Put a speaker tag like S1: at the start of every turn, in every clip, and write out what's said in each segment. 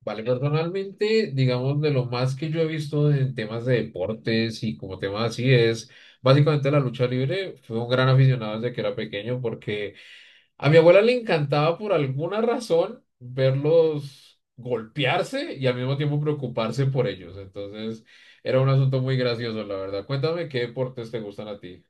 S1: Vale, personalmente, digamos, de lo más que yo he visto en temas de deportes y como temas así es, básicamente la lucha libre, fue un gran aficionado desde que era pequeño porque a mi abuela le encantaba por alguna razón verlos golpearse y al mismo tiempo preocuparse por ellos. Entonces, era un asunto muy gracioso, la verdad. Cuéntame qué deportes te gustan a ti.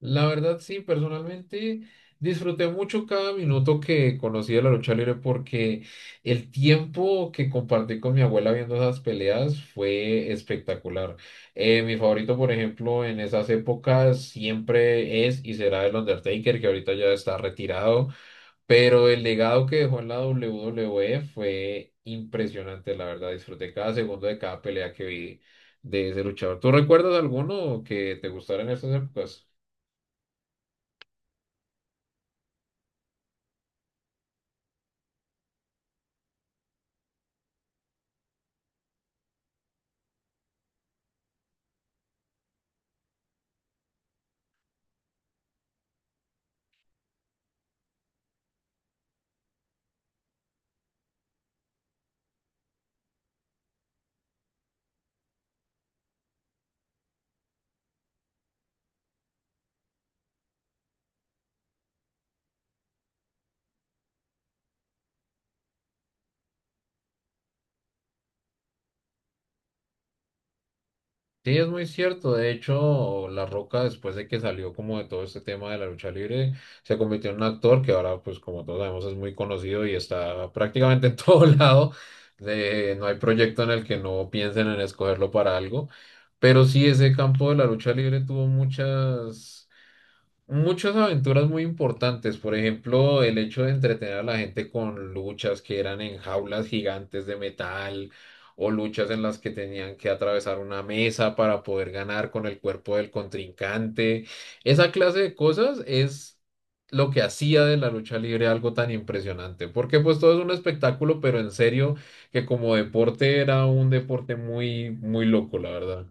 S1: La verdad, sí, personalmente disfruté mucho cada minuto que conocí de la lucha libre porque el tiempo que compartí con mi abuela viendo esas peleas fue espectacular. Mi favorito, por ejemplo, en esas épocas siempre es y será el Undertaker, que ahorita ya está retirado, pero el legado que dejó en la WWE fue impresionante, la verdad, disfruté cada segundo de cada pelea que vi de ese luchador. ¿Tú recuerdas alguno que te gustara en esas épocas? Sí, es muy cierto. De hecho, La Roca, después de que salió como de todo este tema de la lucha libre, se convirtió en un actor que ahora, pues como todos sabemos, es muy conocido y está prácticamente en todo lado. De, no hay proyecto en el que no piensen en escogerlo para algo. Pero sí, ese campo de la lucha libre tuvo muchas muchas aventuras muy importantes, por ejemplo, el hecho de entretener a la gente con luchas que eran en jaulas gigantes de metal o luchas en las que tenían que atravesar una mesa para poder ganar con el cuerpo del contrincante. Esa clase de cosas es lo que hacía de la lucha libre algo tan impresionante, porque pues todo es un espectáculo, pero en serio que como deporte era un deporte muy, muy loco, la verdad.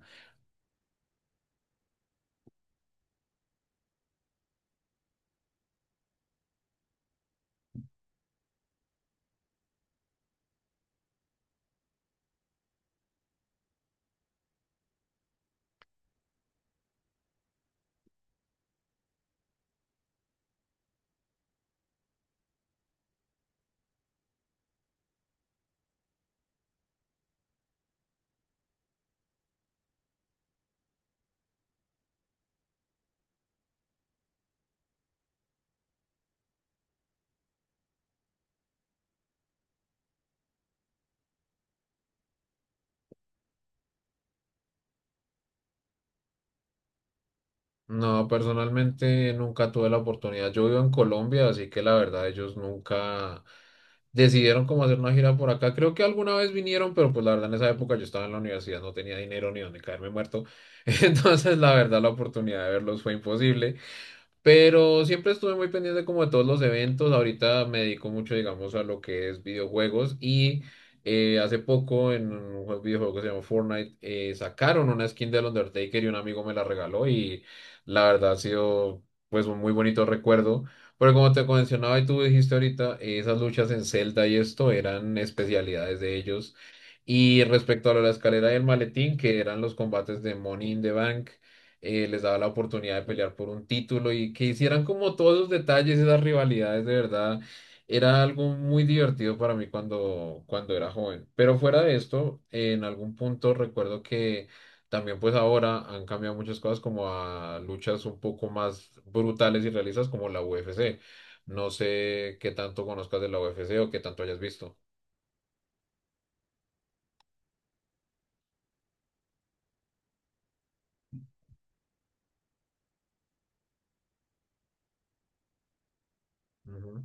S1: No, personalmente nunca tuve la oportunidad. Yo vivo en Colombia, así que la verdad ellos nunca decidieron cómo hacer una gira por acá. Creo que alguna vez vinieron, pero pues la verdad en esa época yo estaba en la universidad, no tenía dinero ni donde caerme muerto. Entonces la verdad la oportunidad de verlos fue imposible. Pero siempre estuve muy pendiente como de todos los eventos. Ahorita me dedico mucho, digamos, a lo que es videojuegos. Hace poco en un videojuego que se llama Fortnite, sacaron una skin del Undertaker y un amigo me la regaló. Y la verdad ha sido pues un muy bonito recuerdo. Pero como te mencionaba y tú dijiste ahorita, esas luchas en Zelda y esto eran especialidades de ellos. Y respecto a lo de la escalera y el maletín, que eran los combates de Money in the Bank, les daba la oportunidad de pelear por un título y que hicieran como todos esos detalles, esas rivalidades, de verdad, era algo muy divertido para mí cuando era joven. Pero fuera de esto, en algún punto recuerdo que también pues ahora han cambiado muchas cosas como a luchas un poco más brutales y realistas como la UFC. No sé qué tanto conozcas de la UFC o qué tanto hayas visto. Ujú.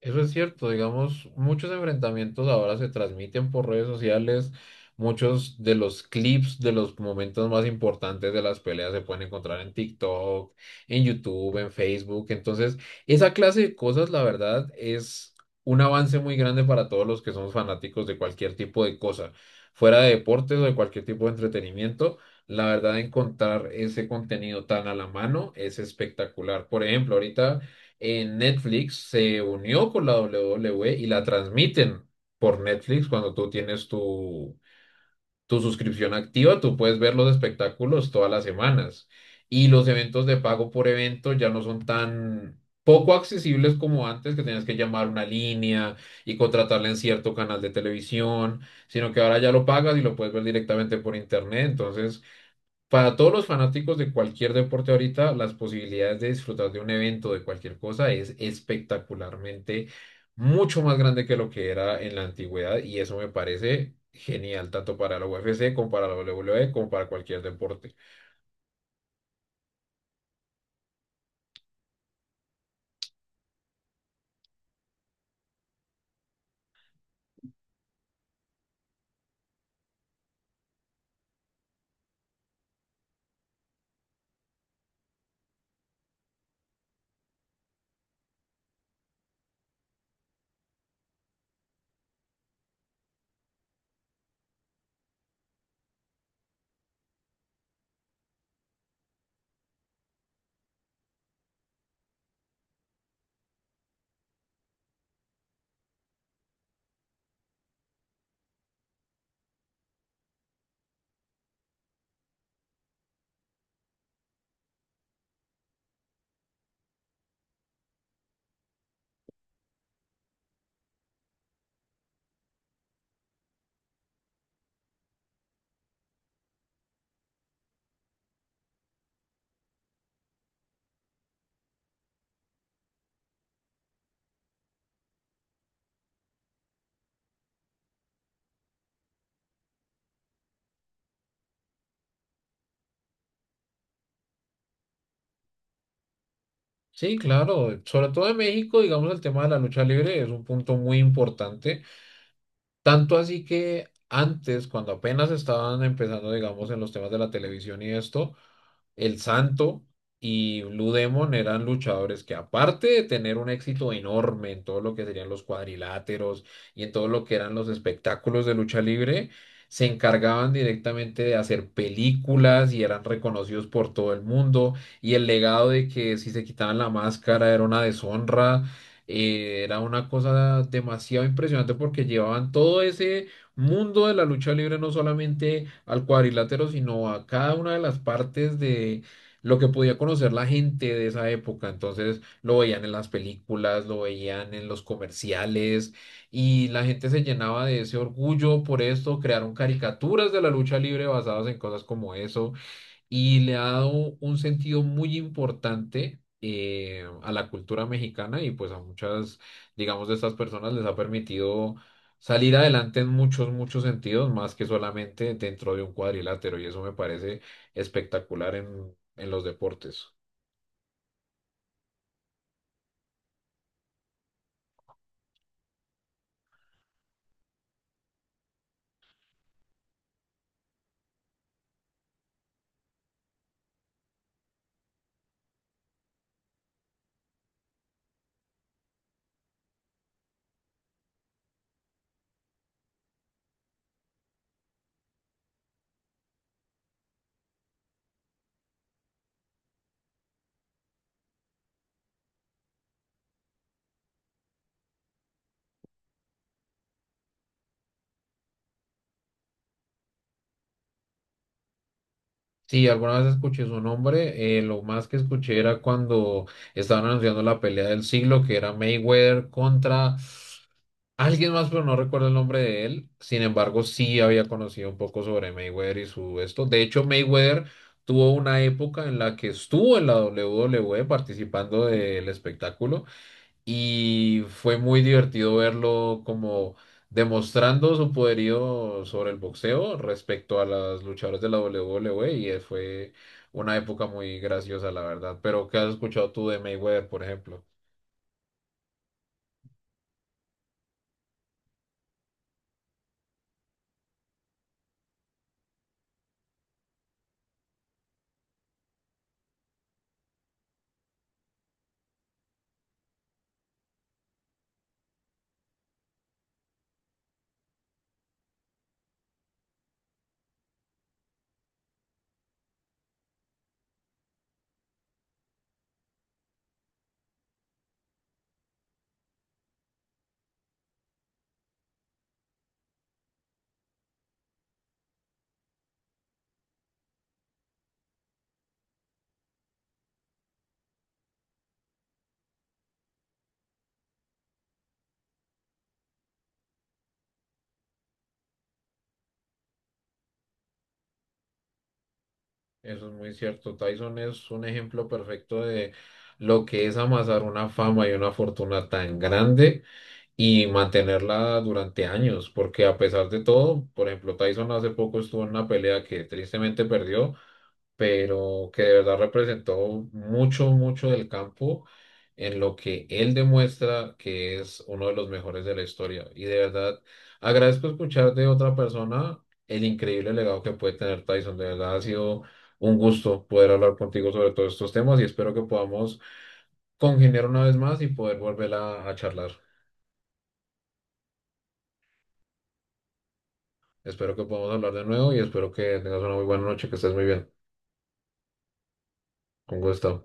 S1: Eso es cierto, digamos, muchos enfrentamientos ahora se transmiten por redes sociales, muchos de los clips de los momentos más importantes de las peleas se pueden encontrar en TikTok, en YouTube, en Facebook, entonces esa clase de cosas, la verdad, es un avance muy grande para todos los que somos fanáticos de cualquier tipo de cosa, fuera de deportes o de cualquier tipo de entretenimiento. La verdad, encontrar ese contenido tan a la mano es espectacular. Por ejemplo, ahorita en Netflix se unió con la WWE y la transmiten por Netflix. Cuando tú tienes tu suscripción activa, tú puedes ver los espectáculos todas las semanas. Y los eventos de pago por evento ya no son tan poco accesibles como antes, que tenías que llamar una línea y contratarla en cierto canal de televisión, sino que ahora ya lo pagas y lo puedes ver directamente por internet. Entonces, para todos los fanáticos de cualquier deporte ahorita, las posibilidades de disfrutar de un evento, de cualquier cosa, es espectacularmente mucho más grande que lo que era en la antigüedad y eso me parece genial, tanto para la UFC como para la WWE, como para cualquier deporte. Sí, claro, sobre todo en México, digamos, el tema de la lucha libre es un punto muy importante, tanto así que antes, cuando apenas estaban empezando, digamos, en los temas de la televisión y esto, El Santo y Blue Demon eran luchadores que aparte de tener un éxito enorme en todo lo que serían los cuadriláteros y en todo lo que eran los espectáculos de lucha libre, se encargaban directamente de hacer películas y eran reconocidos por todo el mundo y el legado de que si se quitaban la máscara era una deshonra. Era una cosa demasiado impresionante porque llevaban todo ese mundo de la lucha libre, no solamente al cuadrilátero, sino a cada una de las partes de lo que podía conocer la gente de esa época. Entonces lo veían en las películas, lo veían en los comerciales y la gente se llenaba de ese orgullo por esto. Crearon caricaturas de la lucha libre basadas en cosas como eso y le ha dado un sentido muy importante, a la cultura mexicana y pues a muchas, digamos, de estas personas les ha permitido salir adelante en muchos sentidos, más que solamente dentro de un cuadrilátero y eso me parece espectacular en los deportes. Sí, alguna vez escuché su nombre, lo más que escuché era cuando estaban anunciando la pelea del siglo, que era Mayweather contra... Alguien más, pero no recuerdo el nombre de él. Sin embargo, sí había conocido un poco sobre Mayweather y su esto. De hecho, Mayweather tuvo una época en la que estuvo en la WWE participando del espectáculo y fue muy divertido verlo como demostrando su poderío sobre el boxeo respecto a las luchadoras de la WWE fue una época muy graciosa, la verdad. Pero, ¿qué has escuchado tú de Mayweather, por ejemplo? Eso es muy cierto. Tyson es un ejemplo perfecto de lo que es amasar una fama y una fortuna tan grande y mantenerla durante años, porque a pesar de todo, por ejemplo, Tyson hace poco estuvo en una pelea que tristemente perdió, pero que de verdad representó mucho, mucho del campo en lo que él demuestra que es uno de los mejores de la historia. Y de verdad agradezco escuchar de otra persona el increíble legado que puede tener Tyson. De verdad ha sido un gusto poder hablar contigo sobre todos estos temas y espero que podamos congeniar una vez más y poder volver a charlar. Espero que podamos hablar de nuevo y espero que tengas una muy buena noche, que estés muy bien. Con gusto.